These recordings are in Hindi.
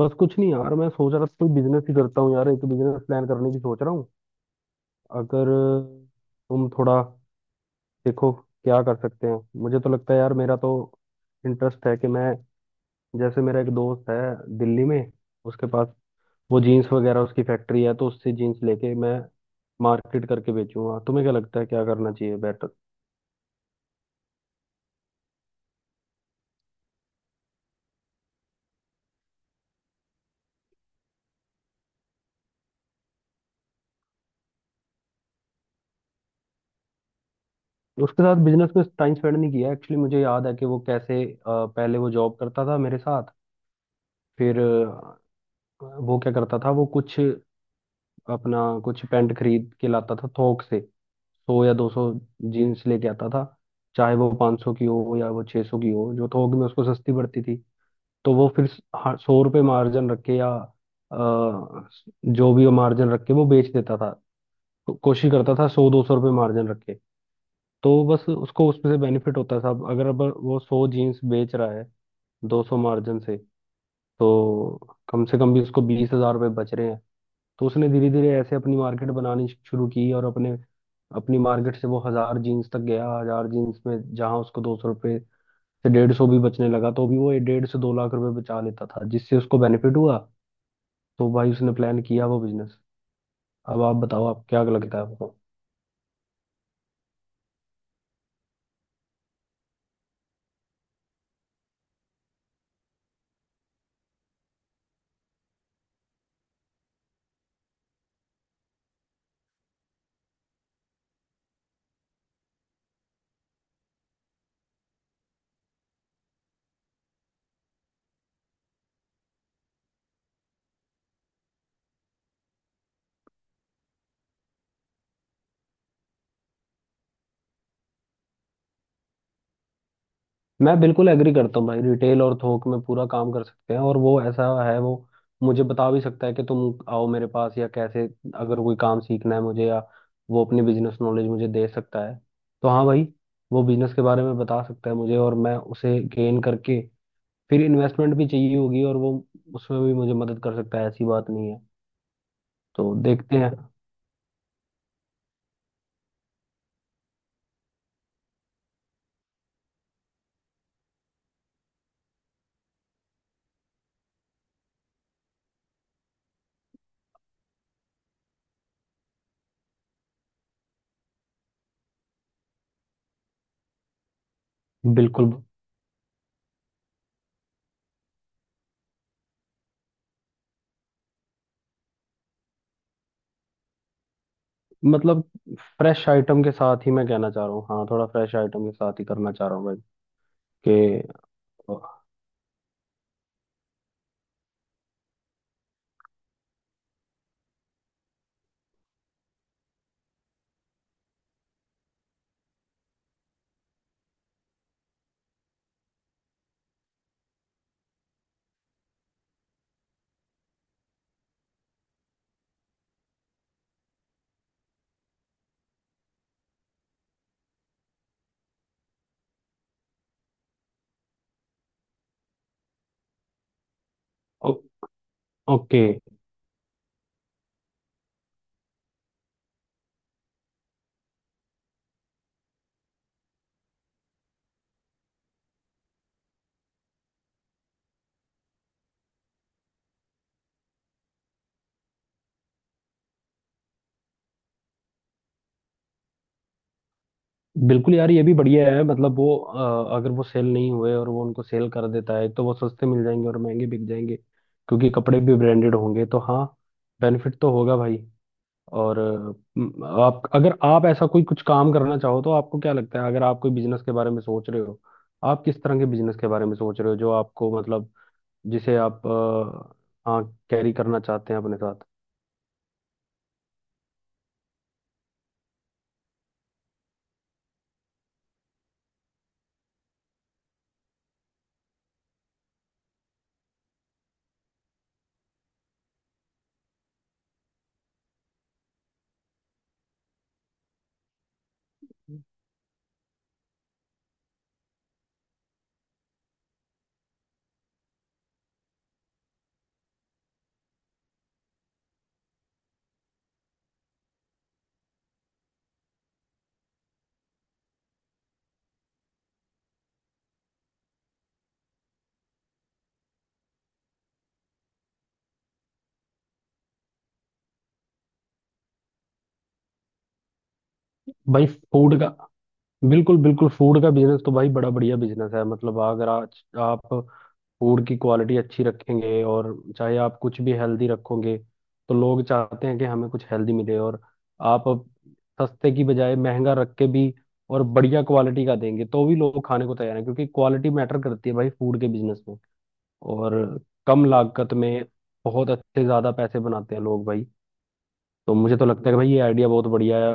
बस कुछ नहीं यार। मैं सोच रहा था कोई बिजनेस ही करता हूँ यार। एक बिजनेस प्लान करने की सोच रहा हूँ। अगर तुम थोड़ा देखो क्या कर सकते हैं। मुझे तो लगता है यार मेरा तो इंटरेस्ट है कि मैं, जैसे मेरा एक दोस्त है दिल्ली में, उसके पास वो जीन्स वगैरह उसकी फैक्ट्री है, तो उससे जीन्स लेके मैं मार्केट करके बेचूंगा। तुम्हें क्या लगता है क्या करना चाहिए बेटर? उसके साथ बिजनेस में टाइम स्पेंड नहीं किया एक्चुअली। मुझे याद है कि वो कैसे पहले वो जॉब करता था मेरे साथ। फिर वो क्या करता था, वो कुछ अपना कुछ पैंट खरीद के लाता था थोक से, 100 या 200 जीन्स लेके आता था। चाहे वो 500 की हो या वो 600 की हो, जो थोक में उसको सस्ती पड़ती थी। तो वो फिर 100 रुपये मार्जिन रख के या अ, जो भी वो मार्जिन रख के वो बेच देता था। कोशिश करता था 100, 200 रुपये मार्जिन रख के। तो बस उसको उसमें से बेनिफिट होता था। अगर अब वो 100 जीन्स बेच रहा है 200 मार्जिन से, तो कम से कम भी उसको 20,000 रुपये बच रहे हैं। तो उसने धीरे धीरे ऐसे अपनी मार्केट बनानी शुरू की, और अपने, अपनी मार्केट से वो 1000 जीन्स तक गया। 1000 जीन्स में जहां उसको 200 रुपये से 150 भी बचने लगा, तो भी वो ये 1.5 से 2 लाख रुपए बचा लेता था, जिससे उसको बेनिफिट हुआ। तो भाई उसने प्लान किया वो बिजनेस। अब आप बताओ, आप क्या लगता है आपको? मैं बिल्कुल एग्री करता हूँ भाई, रिटेल और थोक में पूरा काम कर सकते हैं। और वो ऐसा है, वो मुझे बता भी सकता है कि तुम आओ मेरे पास, या कैसे, अगर कोई काम सीखना है मुझे, या वो अपनी बिजनेस नॉलेज मुझे दे सकता है। तो हाँ भाई, वो बिजनेस के बारे में बता सकता है मुझे, और मैं उसे गेन करके फिर इन्वेस्टमेंट भी चाहिए होगी, और वो उसमें भी मुझे मदद कर सकता है। ऐसी बात नहीं है। तो देखते हैं। बिल्कुल। मतलब फ्रेश आइटम के साथ ही मैं कहना चाह रहा हूँ। हाँ, थोड़ा फ्रेश आइटम के साथ ही करना चाह रहा हूँ भाई कि ओके। बिल्कुल यार, ये भी बढ़िया है। मतलब वो अगर वो सेल नहीं हुए और वो उनको सेल कर देता है, तो वो सस्ते मिल जाएंगे और महंगे बिक जाएंगे, क्योंकि कपड़े भी ब्रांडेड होंगे। तो हाँ, बेनिफिट तो होगा भाई। और आप, अगर आप ऐसा कोई कुछ काम करना चाहो, तो आपको क्या लगता है? अगर आप कोई बिजनेस के बारे में सोच रहे हो, आप किस तरह के बिजनेस के बारे में सोच रहे हो, जो आपको मतलब जिसे आप हाँ, कैरी करना चाहते हैं अपने साथ? भाई फूड का। बिल्कुल बिल्कुल, फूड का बिजनेस तो भाई बड़ा बढ़िया बिजनेस है। मतलब अगर आज आप फूड की क्वालिटी अच्छी रखेंगे, और चाहे आप कुछ भी हेल्दी रखोगे, तो लोग चाहते हैं कि हमें कुछ हेल्दी मिले। और आप अब सस्ते की बजाय महंगा रख के भी, और बढ़िया क्वालिटी का देंगे, तो भी लोग खाने को तैयार हैं, क्योंकि क्वालिटी मैटर करती है भाई फूड के बिजनेस में। और कम लागत में बहुत अच्छे ज़्यादा पैसे बनाते हैं लोग भाई। तो मुझे तो लगता है कि भाई, ये आइडिया बहुत बढ़िया है।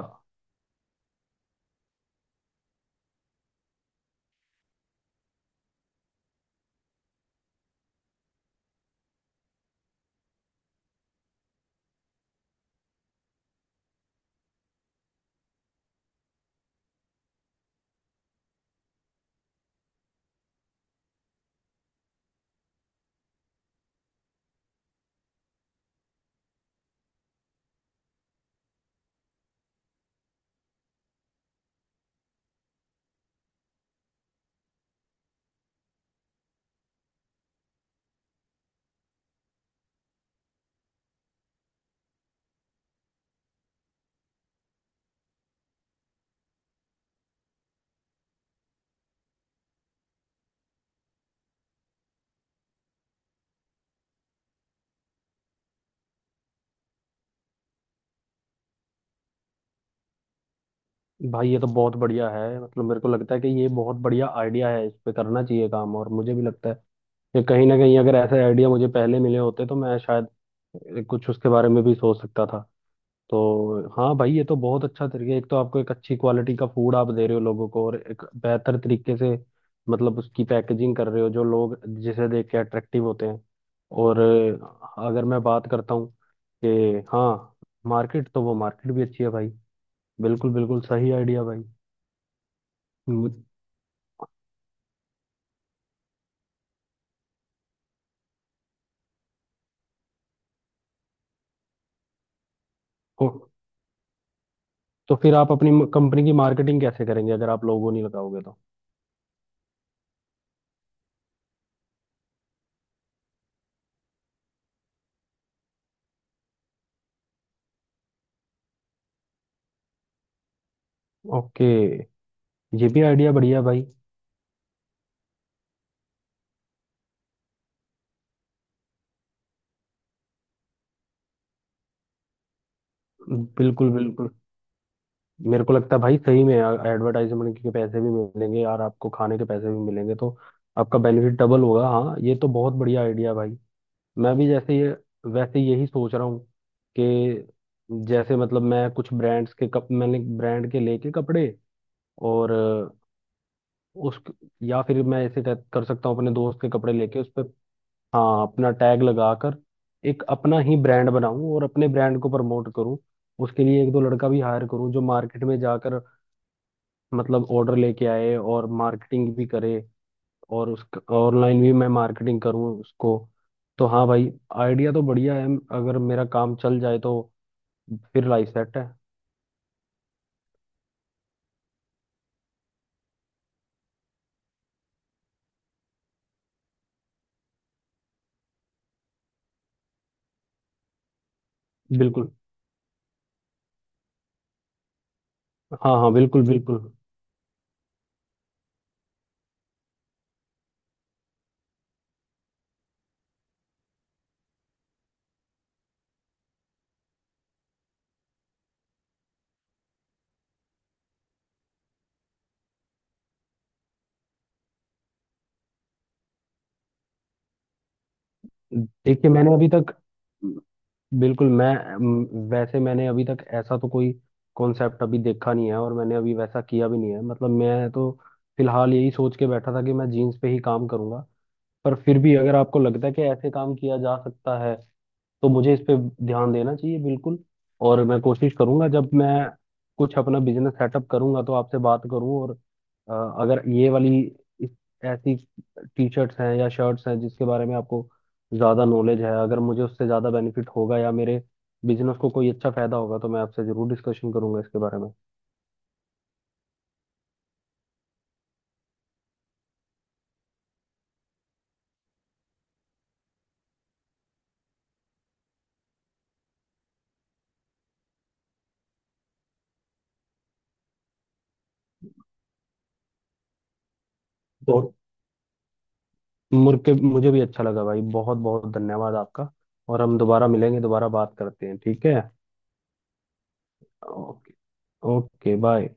भाई ये तो बहुत बढ़िया है, मतलब मेरे को लगता है कि ये बहुत बढ़िया आइडिया है, इस पे करना चाहिए काम। और मुझे भी लगता है कि कहीं ना कहीं अगर ऐसे आइडिया मुझे पहले मिले होते, तो मैं शायद कुछ उसके बारे में भी सोच सकता था। तो हाँ भाई, ये तो बहुत अच्छा तरीका है। एक तो आपको, एक अच्छी क्वालिटी का फूड आप दे रहे हो लोगों को, और एक बेहतर तरीके से मतलब उसकी पैकेजिंग कर रहे हो, जो लोग जिसे देख के अट्रैक्टिव होते हैं। और अगर मैं बात करता हूँ, कि हाँ, मार्केट तो वो मार्केट भी अच्छी है भाई। बिल्कुल बिल्कुल सही आइडिया भाई। हम्म। तो, तो फिर आप अपनी कंपनी की मार्केटिंग कैसे करेंगे, अगर आप लोगो नहीं लगाओगे तो? ओके। ये भी आइडिया बढ़िया है भाई। बिल्कुल बिल्कुल, मेरे को लगता है भाई, सही में एडवर्टाइजमेंट के पैसे भी मिलेंगे यार, आपको खाने के पैसे भी मिलेंगे, तो आपका बेनिफिट डबल होगा। हाँ, ये तो बहुत बढ़िया आइडिया है भाई। मैं भी जैसे ये, वैसे यही सोच रहा हूँ कि, जैसे मतलब मैं कुछ ब्रांड्स के कप, मैंने ब्रांड के लेके कपड़े और उस, या फिर मैं ऐसे कर कर सकता हूँ अपने दोस्त के कपड़े लेके उस पे, हाँ अपना टैग लगाकर, एक अपना ही ब्रांड बनाऊं और अपने ब्रांड को प्रमोट करूं। उसके लिए एक दो लड़का भी हायर करूं, जो मार्केट में जाकर मतलब ऑर्डर लेके आए और मार्केटिंग भी करे, और उस ऑनलाइन भी मैं मार्केटिंग करूं उसको। तो हाँ भाई, आइडिया तो बढ़िया है, अगर मेरा काम चल जाए तो फिर लाइफ सेट है। बिल्कुल। हाँ हाँ, बिल्कुल बिल्कुल। देखिए मैंने अभी तक, हम्म, बिल्कुल मैं, अम, वैसे मैंने अभी तक ऐसा तो कोई कॉन्सेप्ट अभी देखा नहीं है, और मैंने अभी वैसा किया भी नहीं है। मतलब मैं तो फिलहाल यही सोच के बैठा था कि मैं जीन्स पे ही काम करूंगा। पर फिर भी अगर आपको लगता है कि ऐसे काम किया जा सकता है, तो मुझे इस पे ध्यान देना चाहिए बिल्कुल। और मैं कोशिश करूंगा, जब मैं कुछ अपना बिजनेस सेटअप करूंगा तो आपसे बात करूं। और अगर ये वाली इस, ऐसी टी शर्ट्स हैं या शर्ट्स हैं, जिसके बारे में आपको ज़्यादा नॉलेज है, अगर मुझे उससे ज़्यादा बेनिफिट होगा या मेरे बिजनेस को कोई अच्छा फायदा होगा, तो मैं आपसे ज़रूर डिस्कशन करूंगा इसके बारे में। बहुत मुर्के मुझे भी अच्छा लगा भाई। बहुत बहुत धन्यवाद आपका। और हम दोबारा मिलेंगे, दोबारा बात करते हैं, ठीक है। ओके। Okay bye.